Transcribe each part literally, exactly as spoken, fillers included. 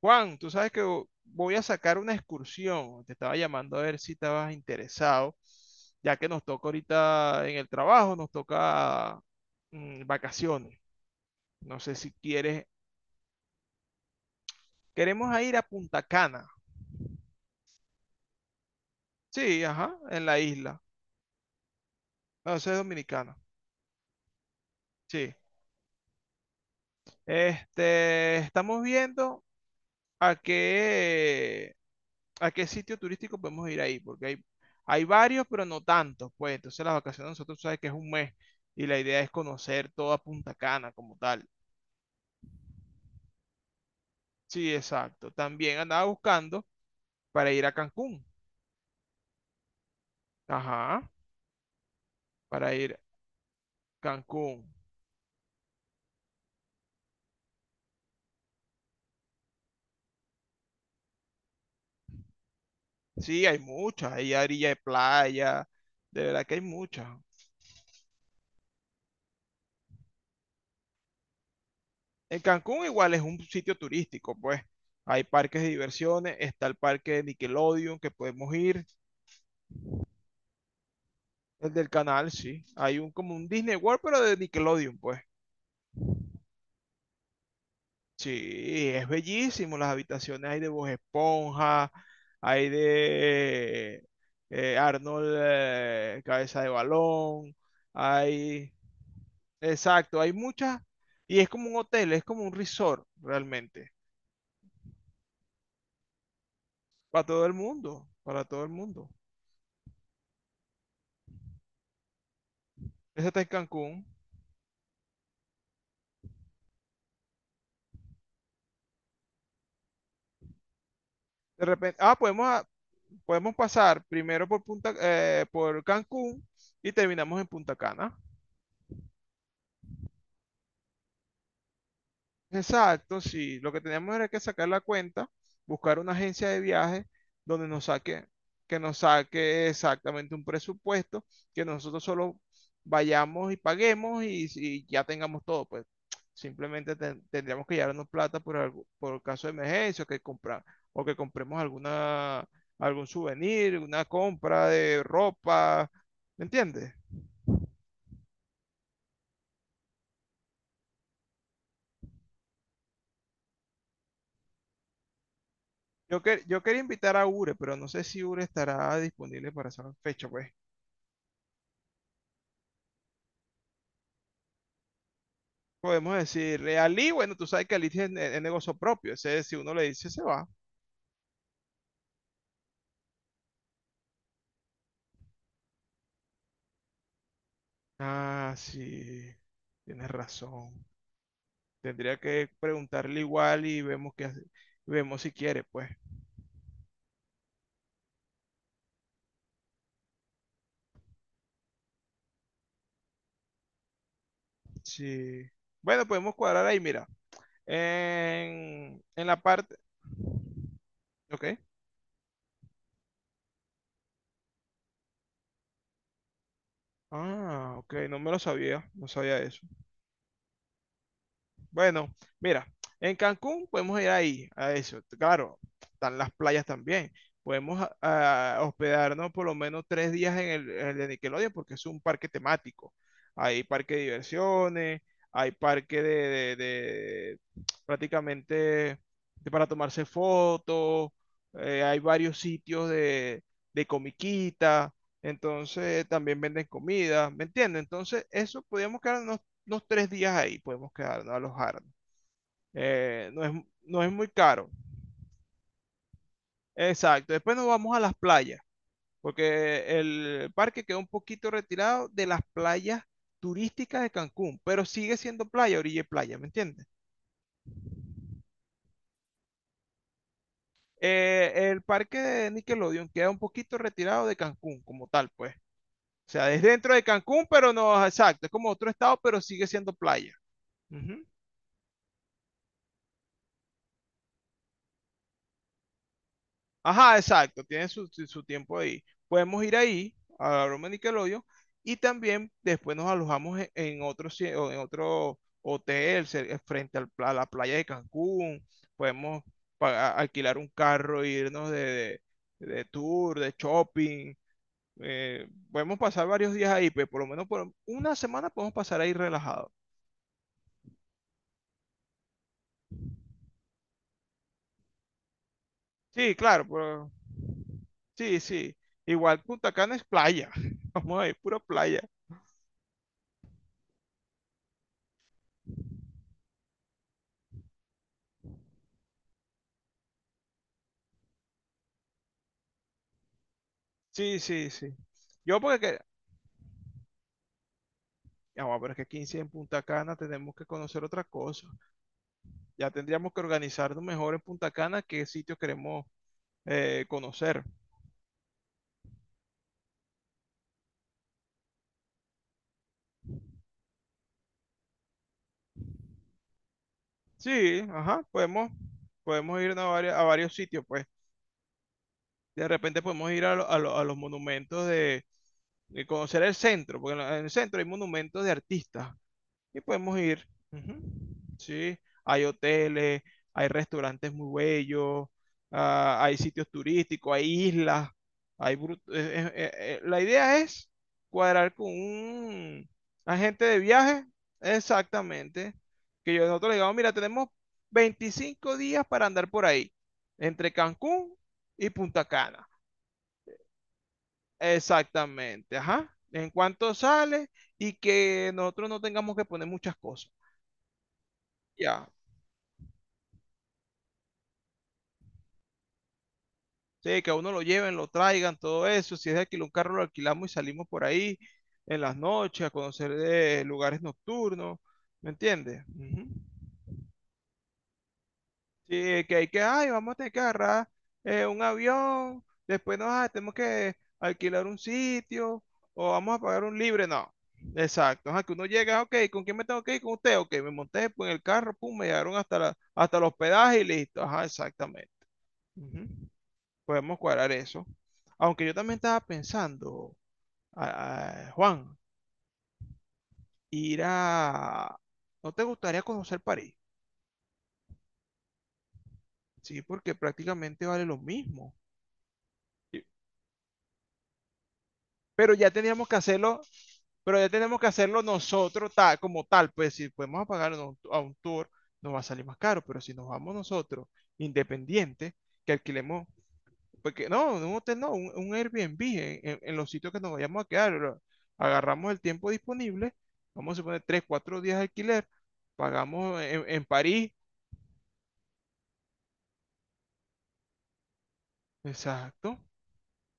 Juan, tú sabes que vo- voy a sacar una excursión. Te estaba llamando a ver si estabas interesado, ya que nos toca ahorita en el trabajo, nos toca mm, vacaciones. No sé si quieres. Queremos a ir a Punta Cana. Sí, ajá, en la isla. No, eso es dominicana. Sí. Este, estamos viendo a qué ¿A qué sitio turístico podemos ir ahí? Porque hay, hay varios, pero no tantos, pues. Entonces las vacaciones nosotros sabes que es un mes y la idea es conocer toda Punta Cana como tal. Sí, exacto. También andaba buscando para ir a Cancún. Ajá, para ir a Cancún. Sí, hay muchas. Hay orilla de playa. De verdad que hay muchas. En Cancún igual es un sitio turístico, pues. Hay parques de diversiones, está el parque de Nickelodeon que podemos ir. El del canal, sí. Hay un como un Disney World, pero de Nickelodeon, pues. Sí, es bellísimo. Las habitaciones hay de Bob Esponja, hay de eh, Arnold eh, Cabeza de Balón, hay... Exacto, hay muchas. Y es como un hotel, es como un resort realmente. Para todo el mundo, para todo el mundo. Ese está en Cancún. De repente, ah, podemos, a- podemos pasar primero por Punta, eh, por Cancún y terminamos en Punta Cana. Exacto, sí. Lo que teníamos era que sacar la cuenta, buscar una agencia de viajes donde nos saque, que nos saque exactamente un presupuesto, que nosotros solo vayamos y paguemos y, y ya tengamos todo, pues simplemente ten- tendríamos que llevarnos plata por algo, por caso de emergencia, o que comprar, o que compremos alguna, algún souvenir, una compra de ropa, ¿me entiendes? Yo, que- yo quería invitar a Ure, pero no sé si Ure estará disponible para esa fecha, pues. Podemos decir, eh, Ali, bueno, tú sabes que Ali tiene es negocio propio, ese si uno le dice se va. Ah, sí, tienes razón. Tendría que preguntarle igual y vemos qué hace- vemos si quiere, pues. Sí. Bueno, podemos cuadrar ahí, mira. En, en la parte. Ok. Ah, ok, no me lo sabía, no sabía eso. Bueno, mira, en Cancún podemos ir ahí, a eso. Claro, están las playas también. Podemos ah, ah, hospedarnos por lo menos tres días en el, en el de Nickelodeon porque es un parque temático. Hay parque de diversiones, hay parque de, de- de- prácticamente de para tomarse fotos, eh, hay varios sitios de, de comiquita, entonces también venden comida, ¿me entiendes? Entonces, eso podríamos quedarnos los tres días ahí podemos quedarnos, alojarnos. Eh, no es, no es muy caro. Exacto. Después nos vamos a las playas, porque el parque queda un poquito retirado de las playas turísticas de Cancún, pero sigue siendo playa, orilla y playa, ¿me entiendes? Eh, el parque de Nickelodeon queda un poquito retirado de Cancún como tal, pues. O sea, es dentro de Cancún, pero no, exacto, es como otro estado, pero sigue siendo playa. Ujú. Ajá, exacto, tiene su, su- su tiempo ahí. Podemos ir ahí, a la broma de Nickelodeon, y también después nos alojamos en, en otro, ci- o en otro hotel cer- frente al pla- a la playa de Cancún. Podemos pagar- alquilar un carro, irnos de, de- de tour, de shopping. eh, podemos pasar varios días ahí, pues por lo menos por una semana podemos pasar ahí relajado. Sí, claro, pero, sí, sí. Igual Punta Cana es playa. Vamos a ir, pura playa. Sí, sí, sí. Yo porque que, ya, bueno, pero es que aquí en sí en Punta Cana tenemos que conocer otra cosa. Ya tendríamos que organizarnos mejor en Punta Cana qué sitios queremos eh, conocer. Sí, ajá, podemos, podemos ir a, varios, a varios sitios, pues. De repente podemos ir a, lo- a lo- a los monumentos de, de conocer el centro, porque en la- en el centro hay monumentos de artistas. Y podemos ir. Ujú. Sí, hay hoteles, hay restaurantes muy bellos, ah, hay sitios turísticos, hay islas, hay brut- eh, eh, eh, eh, la idea es cuadrar con un agente de viaje, exactamente, que yo nosotros le digamos, mira, tenemos veinticinco días para andar por ahí, entre Cancún y Punta Cana. Exactamente, ajá. En cuanto sale y que nosotros no tengamos que poner muchas cosas. Ya, sí, que a uno lo lleven, lo traigan, todo eso. Si es de alquilar un carro, lo alquilamos y salimos por ahí en las noches a conocer eh, lugares nocturnos. ¿Me entiendes? Ujú. Sí, que hay que, ay, vamos a tener que agarrar eh, un avión, después nos ah, tenemos que alquilar un sitio o vamos a pagar un libre. No, exacto. Ajá, que uno llega, ok, ¿con quién me tengo que ir? Con usted, ok, me monté pues, en el carro, pum, me llegaron hasta, la, hasta el hospedaje y listo. Ajá, exactamente. Ujú. Podemos cuadrar eso. Aunque yo también estaba pensando, ah, Juan, ir a... ¿No te gustaría conocer París? Sí, porque prácticamente vale lo mismo. Sí. Pero ya teníamos que hacerlo, pero ya tenemos que hacerlo nosotros tal, como tal. Pues si podemos pagar a un a un tour, nos va a salir más caro. Pero si nos vamos nosotros, independientes, que alquilemos porque no, un hotel no, un, un Airbnb en, en- en los sitios que nos vayamos a quedar. lo- Agarramos el tiempo disponible, vamos a poner tres cuatro días de alquiler, pagamos en, en París, exacto,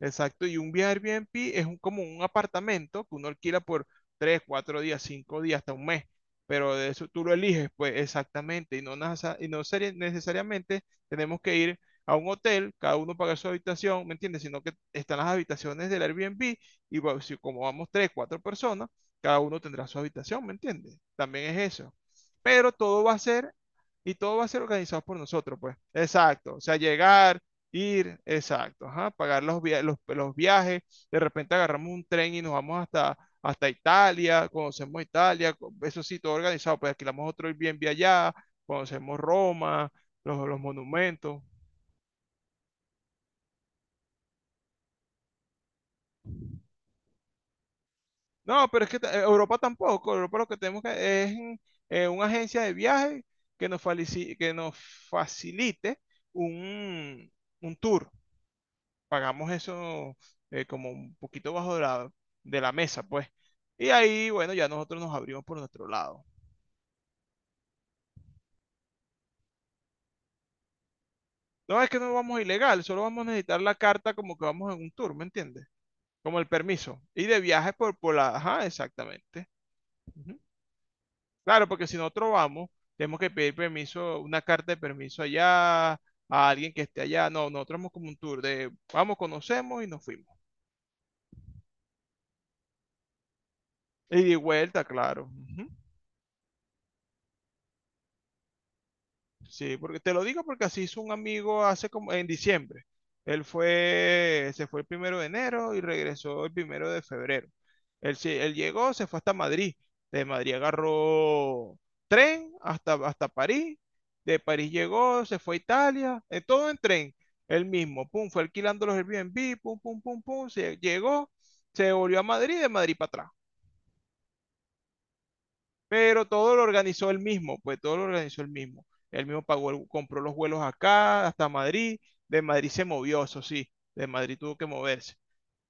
Exacto, y un viaje Airbnb es un, como un apartamento que uno alquila por tres, cuatro días, cinco días, hasta un mes, pero de eso tú lo eliges, pues exactamente, y no, nasa- y no serie- necesariamente tenemos que ir a un hotel, cada uno paga su habitación, ¿me entiendes? Sino que están las habitaciones del Airbnb y bueno, si como vamos tres, cuatro personas, cada uno tendrá su habitación, ¿me entiendes? También es eso. Pero todo va a ser, y todo va a ser organizado por nosotros, pues. Exacto, o sea, llegar ir, exacto, ajá, pagar los, via- los, los viajes, de repente agarramos un tren y nos vamos hasta, hasta Italia, conocemos Italia, co- eso sí, todo organizado, pues alquilamos otro Airbnb allá, conocemos Roma, los, los monumentos. No, pero es que ta- eh, Europa tampoco, Europa lo que tenemos que, es mm, eh, una agencia de viaje que nos, falici- que nos facilite un, un tour. Pagamos eso eh, como un poquito bajo de la, de la mesa, pues. Y ahí, bueno, ya nosotros nos abrimos por nuestro lado. No es que no vamos ilegal, solo vamos a necesitar la carta como que vamos en un tour, ¿me entiendes? Como el permiso. Y de viajes por, por la... Ajá, exactamente. Ujú. Claro, porque si nosotros vamos, tenemos que pedir permiso, una carta de permiso allá, a alguien que esté allá. No, nosotros vamos como un tour de, vamos, conocemos y nos fuimos. Y de vuelta, claro. Ujú. Sí, porque te lo digo porque así hizo un amigo hace como en diciembre. Él fue, se fue el primero de enero y regresó el primero de febrero. Él, sí- él llegó, se fue hasta Madrid. De Madrid agarró tren hasta, hasta París. De París llegó, se fue a Italia. eh, todo en tren. Él mismo, pum, fue alquilando los Airbnb, pum, pum, pum, pum. Se llegó, se volvió a Madrid, de Madrid para atrás. Pero todo lo organizó él mismo, pues todo lo organizó él mismo. Él mismo pagó, el- compró los vuelos acá, hasta Madrid. De Madrid se movió, eso sí, de Madrid tuvo que moverse.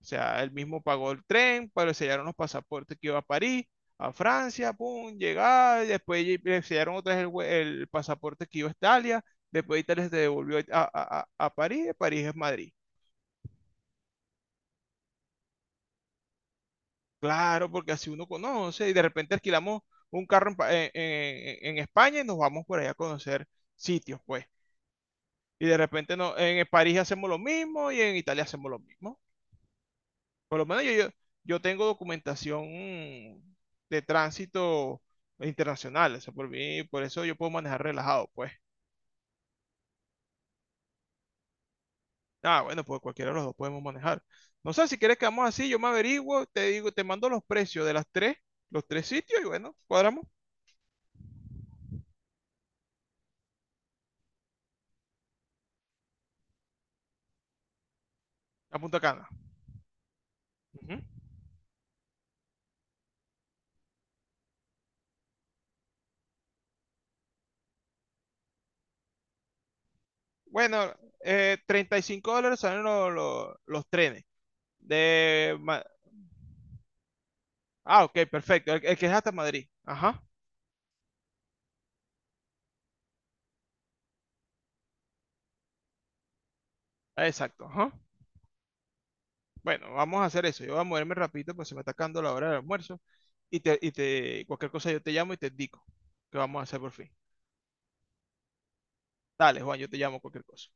O sea, él mismo pagó el tren, pero le sellaron los pasaportes que iba a París, a Francia, pum, llegaba, y después ye- le sellaron otra vez el, vue- el pasaporte que iba a Italia, después Italia se devolvió a, a- a- a París, de París es Madrid. Claro, porque así uno conoce y de repente alquilamos un carro en, Pa- en en- en España y nos vamos por allá a conocer sitios, pues. Y de repente no, en París hacemos lo mismo y en Italia hacemos lo mismo. Por lo menos yo, yo, yo, tengo documentación mm, de tránsito internacional. O sea, por mí, por eso yo puedo manejar relajado, pues. Ah, bueno, pues cualquiera de los dos podemos manejar. No sé, si quieres quedamos así, yo me averiguo, te digo, te mando los precios de las tres, los tres sitios y bueno, cuadramos a Punta Cana. Ujú. Bueno, eh, treinta y cinco dólares salen los lo- los trenes. De... Ma- Ah, ok, perfecto. El, el que es hasta Madrid. Ajá. Ah, exacto, ajá. Bueno, vamos a hacer eso. Yo voy a moverme rapidito porque se me está acabando la hora del almuerzo. Y te, y te, cualquier cosa yo te llamo y te indico que vamos a hacer por fin. Dale, Juan, yo te llamo cualquier cosa.